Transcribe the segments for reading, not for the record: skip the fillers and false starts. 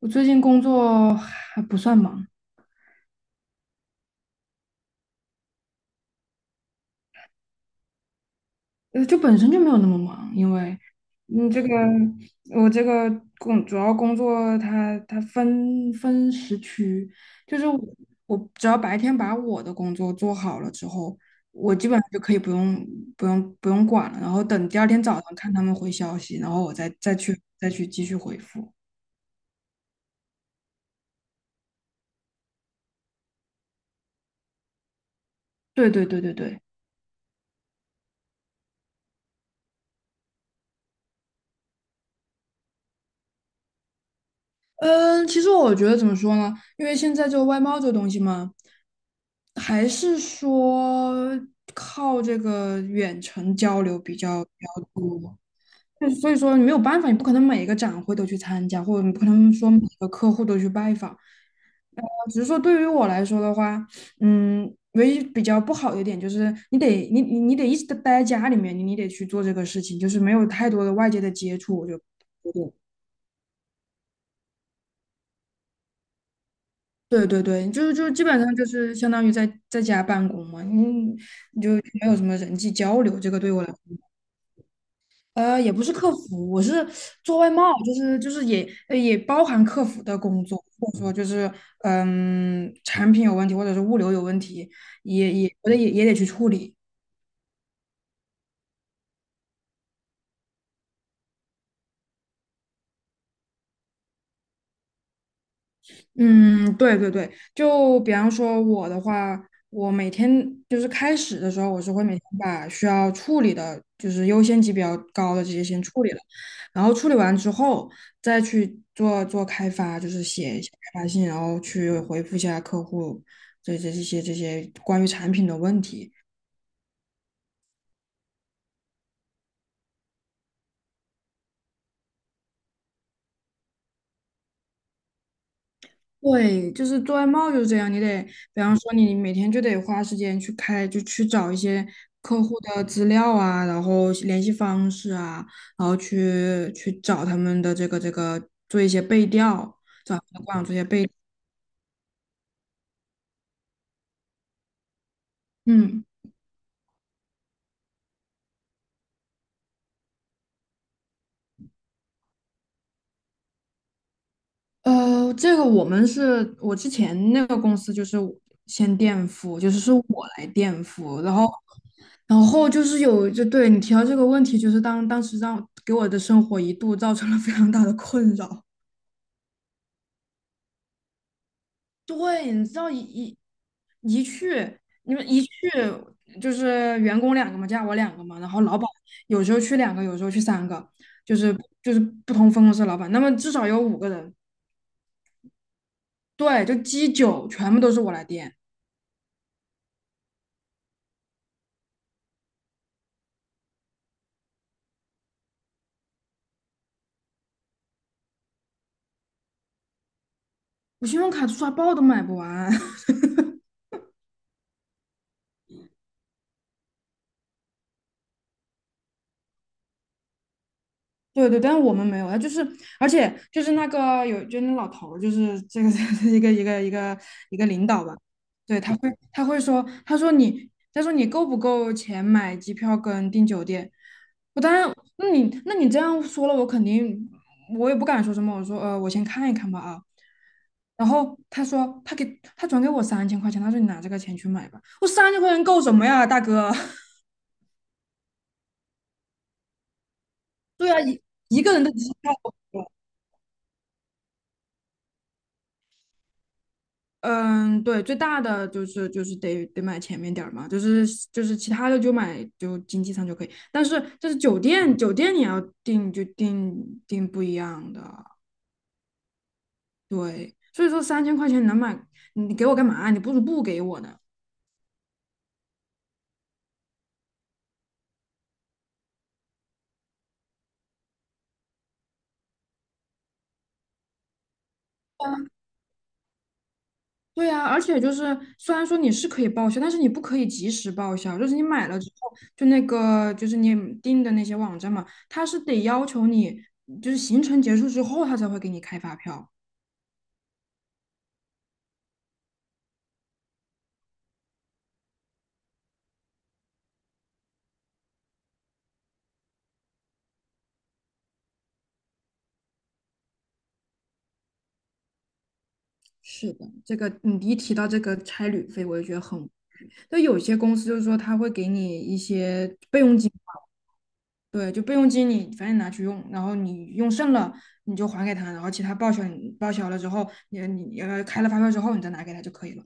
我最近工作还不算忙，就本身就没有那么忙。因为你这个我这个工主要工作它分时区，就是我只要白天把我的工作做好了之后，我基本上就可以不用管了，然后等第二天早上看他们回消息，然后我再去继续回复。对对对对对。嗯，其实我觉得怎么说呢？因为现在这个外贸这个东西嘛，还是说靠这个远程交流比较多。就所以说你没有办法，你不可能每一个展会都去参加，或者你不可能说每个客户都去拜访。只是说对于我来说的话，唯一比较不好的一点就是你得一直地待在家里面，你得去做这个事情，就是没有太多的外界的接触，我就。对对对，就是就基本上就是相当于在家办公嘛，你就没有什么人际交流，这个对我来说也不是客服，我是做外贸，就是也包含客服的工作，或者说就是产品有问题，或者是物流有问题，也我得也得去处理。嗯，对对对，就比方说我的话，我每天就是开始的时候，我是会每天把需要处理的，就是优先级比较高的这些先处理了，然后处理完之后再去做做开发，就是写一些开发信，然后去回复一下客户这些关于产品的问题。对，就是做外贸就是这样，你得，比方说你每天就得花时间去开，就去找一些客户的资料啊，然后联系方式啊，然后去找他们的这个做一些背调，找他们的官网做一些背，嗯，这个我们是我之前那个公司就是先垫付，就是我来垫付，然后就是对你提到这个问题，就是当时让给我的生活一度造成了非常大的困扰。对，你知道一去，你们一去就是员工两个嘛，加我两个嘛，然后老板有时候去两个，有时候去三个，就是就是不同分公司的老板，那么至少有五个人。对，就鸡酒全部都是我来垫，我信用卡刷爆都买不完。对对，但是我们没有啊，他就是，而且就是那个有，就那老头儿就是这个 一个一个一个一个领导吧，对，他会说，他说你够不够钱买机票跟订酒店？我当然，那你这样说了，我肯定我也不敢说什么，我说我先看一看吧啊。然后他说他转给我三千块钱，他说你拿这个钱去买吧。我三千块钱够什么呀，大哥？对啊，一个人的机票。嗯，对，最大的就是得买前面点儿嘛，就是其他的就买经济舱就可以，但是就是酒店你要订就订不一样的，对，所以说三千块钱能买，你给我干嘛？你不如不给我呢。对呀，而且就是虽然说你是可以报销，但是你不可以及时报销，就是你买了之后，就那个就是你订的那些网站嘛，它是得要求你就是行程结束之后，它才会给你开发票。是的，这个你一提到这个差旅费，我就觉得很，就有些公司就是说他会给你一些备用金嘛，对，就备用金你反正拿去用，然后你用剩了你就还给他，然后其他报销你报销了之后，你要开了发票之后你再拿给他就可以了。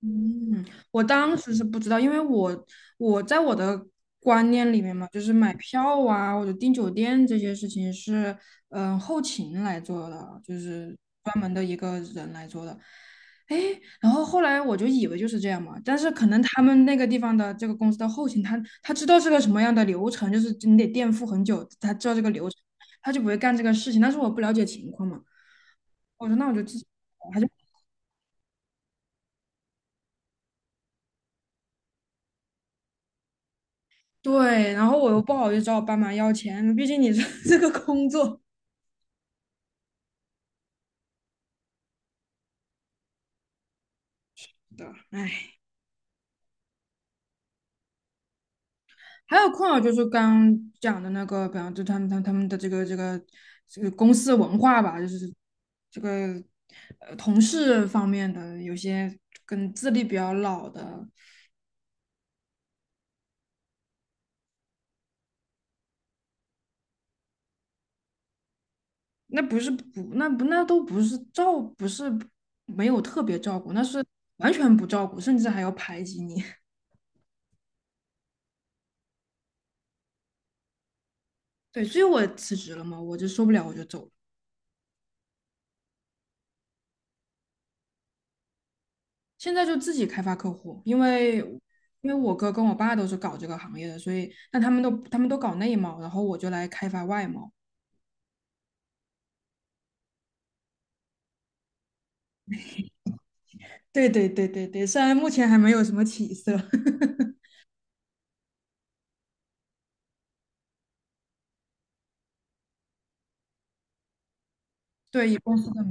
嗯，我当时是不知道，因为我在我的观念里面嘛，就是买票啊，或者订酒店这些事情是，后勤来做的，就是专门的一个人来做的。哎，然后后来我就以为就是这样嘛，但是可能他们那个地方的这个公司的后勤，他知道是个什么样的流程，就是你得垫付很久，他知道这个流程，他就不会干这个事情。但是我不了解情况嘛，我说那我就自己搞。对，然后我又不好意思找我爸妈要钱，毕竟你这 这个工作 的，唉。还有困扰就是刚刚讲的那个，比方就他们的这个公司文化吧，就是这个同事方面的有些跟资历比较老的，那不是不那不那都不是照不是没有特别照顾，那是完全不照顾，甚至还要排挤你。对，所以我辞职了嘛，我就受不了，我就走了。现在就自己开发客户，因为我哥跟我爸都是搞这个行业的，所以那他们都搞内贸，然后我就来开发外贸。对对对对对，虽然目前还没有什么起色。对，以公司的，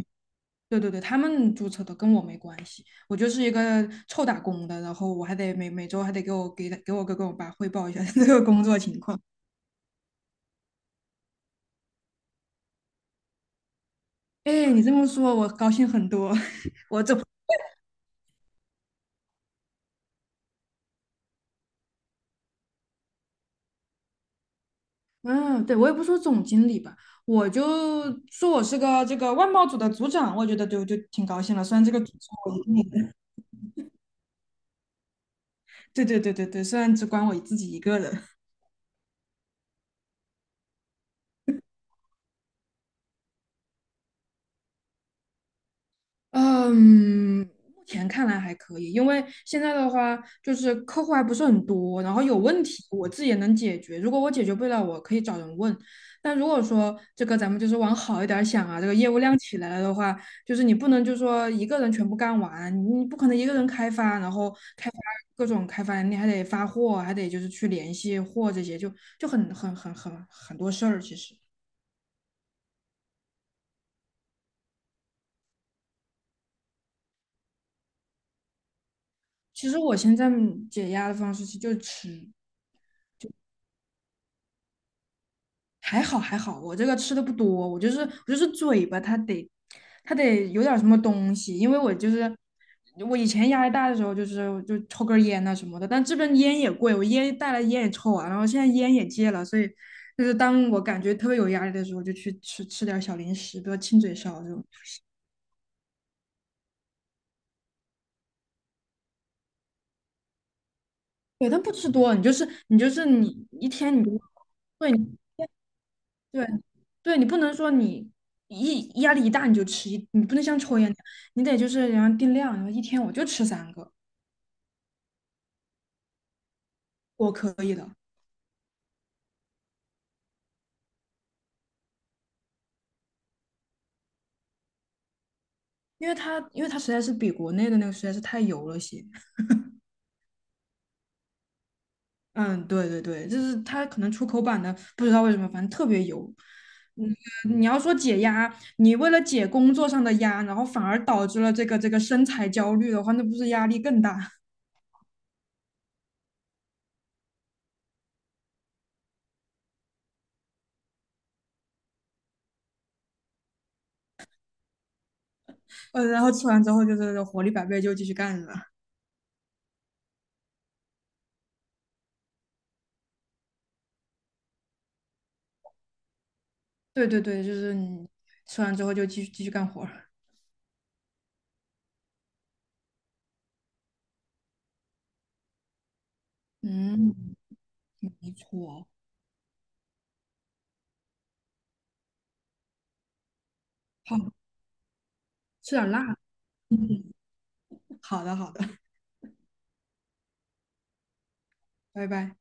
对对对，他们注册的跟我没关系，我就是一个臭打工的，然后我还得每周还得给我哥跟我爸汇报一下 这个工作情况。哎，你这么说，我高兴很多。我这嗯，对，我也不说总经理吧，我就说我是个这个外贸组的组长，我觉得就挺高兴了。虽然这个组是我一个人，对对对对对，虽然只管我自己一个人。嗯，目前看来还可以，因为现在的话就是客户还不是很多，然后有问题我自己也能解决。如果我解决不了，我可以找人问。但如果说这个咱们就是往好一点儿想啊，这个业务量起来了的话，就是你不能就说一个人全部干完，你不可能一个人开发，然后开发各种开发，你还得发货，还得就是去联系货这些，就很多事儿。其实，其实我现在解压的方式其实就是吃。还好还好，我这个吃的不多，我就是嘴巴它得有点儿什么东西，因为我就是我以前压力大的时候就抽根儿烟呐、什么的，但这边烟也贵，我烟带来烟也抽完了然后现在烟也戒了，所以就是当我感觉特别有压力的时候，就去吃吃点儿小零食，比如亲嘴烧这种。对，但不吃多，你就是你一天你就对你对对你不能说你一压力一大你就吃一，你不能像抽烟那样，你得就是然后定量，然后一天我就吃三个，我可以的，因为它实在是比国内的那个实在是太油了些。嗯，对对对，就是它可能出口版的不知道为什么，反正特别油。嗯，你要说解压，你为了解工作上的压，然后反而导致了这个身材焦虑的话，那不是压力更大？然后吃完之后就是活力百倍，就继续干了。对对对，就是你吃完之后就继续干活儿嗯，没错，好，吃点辣。嗯，好的，好的，拜拜。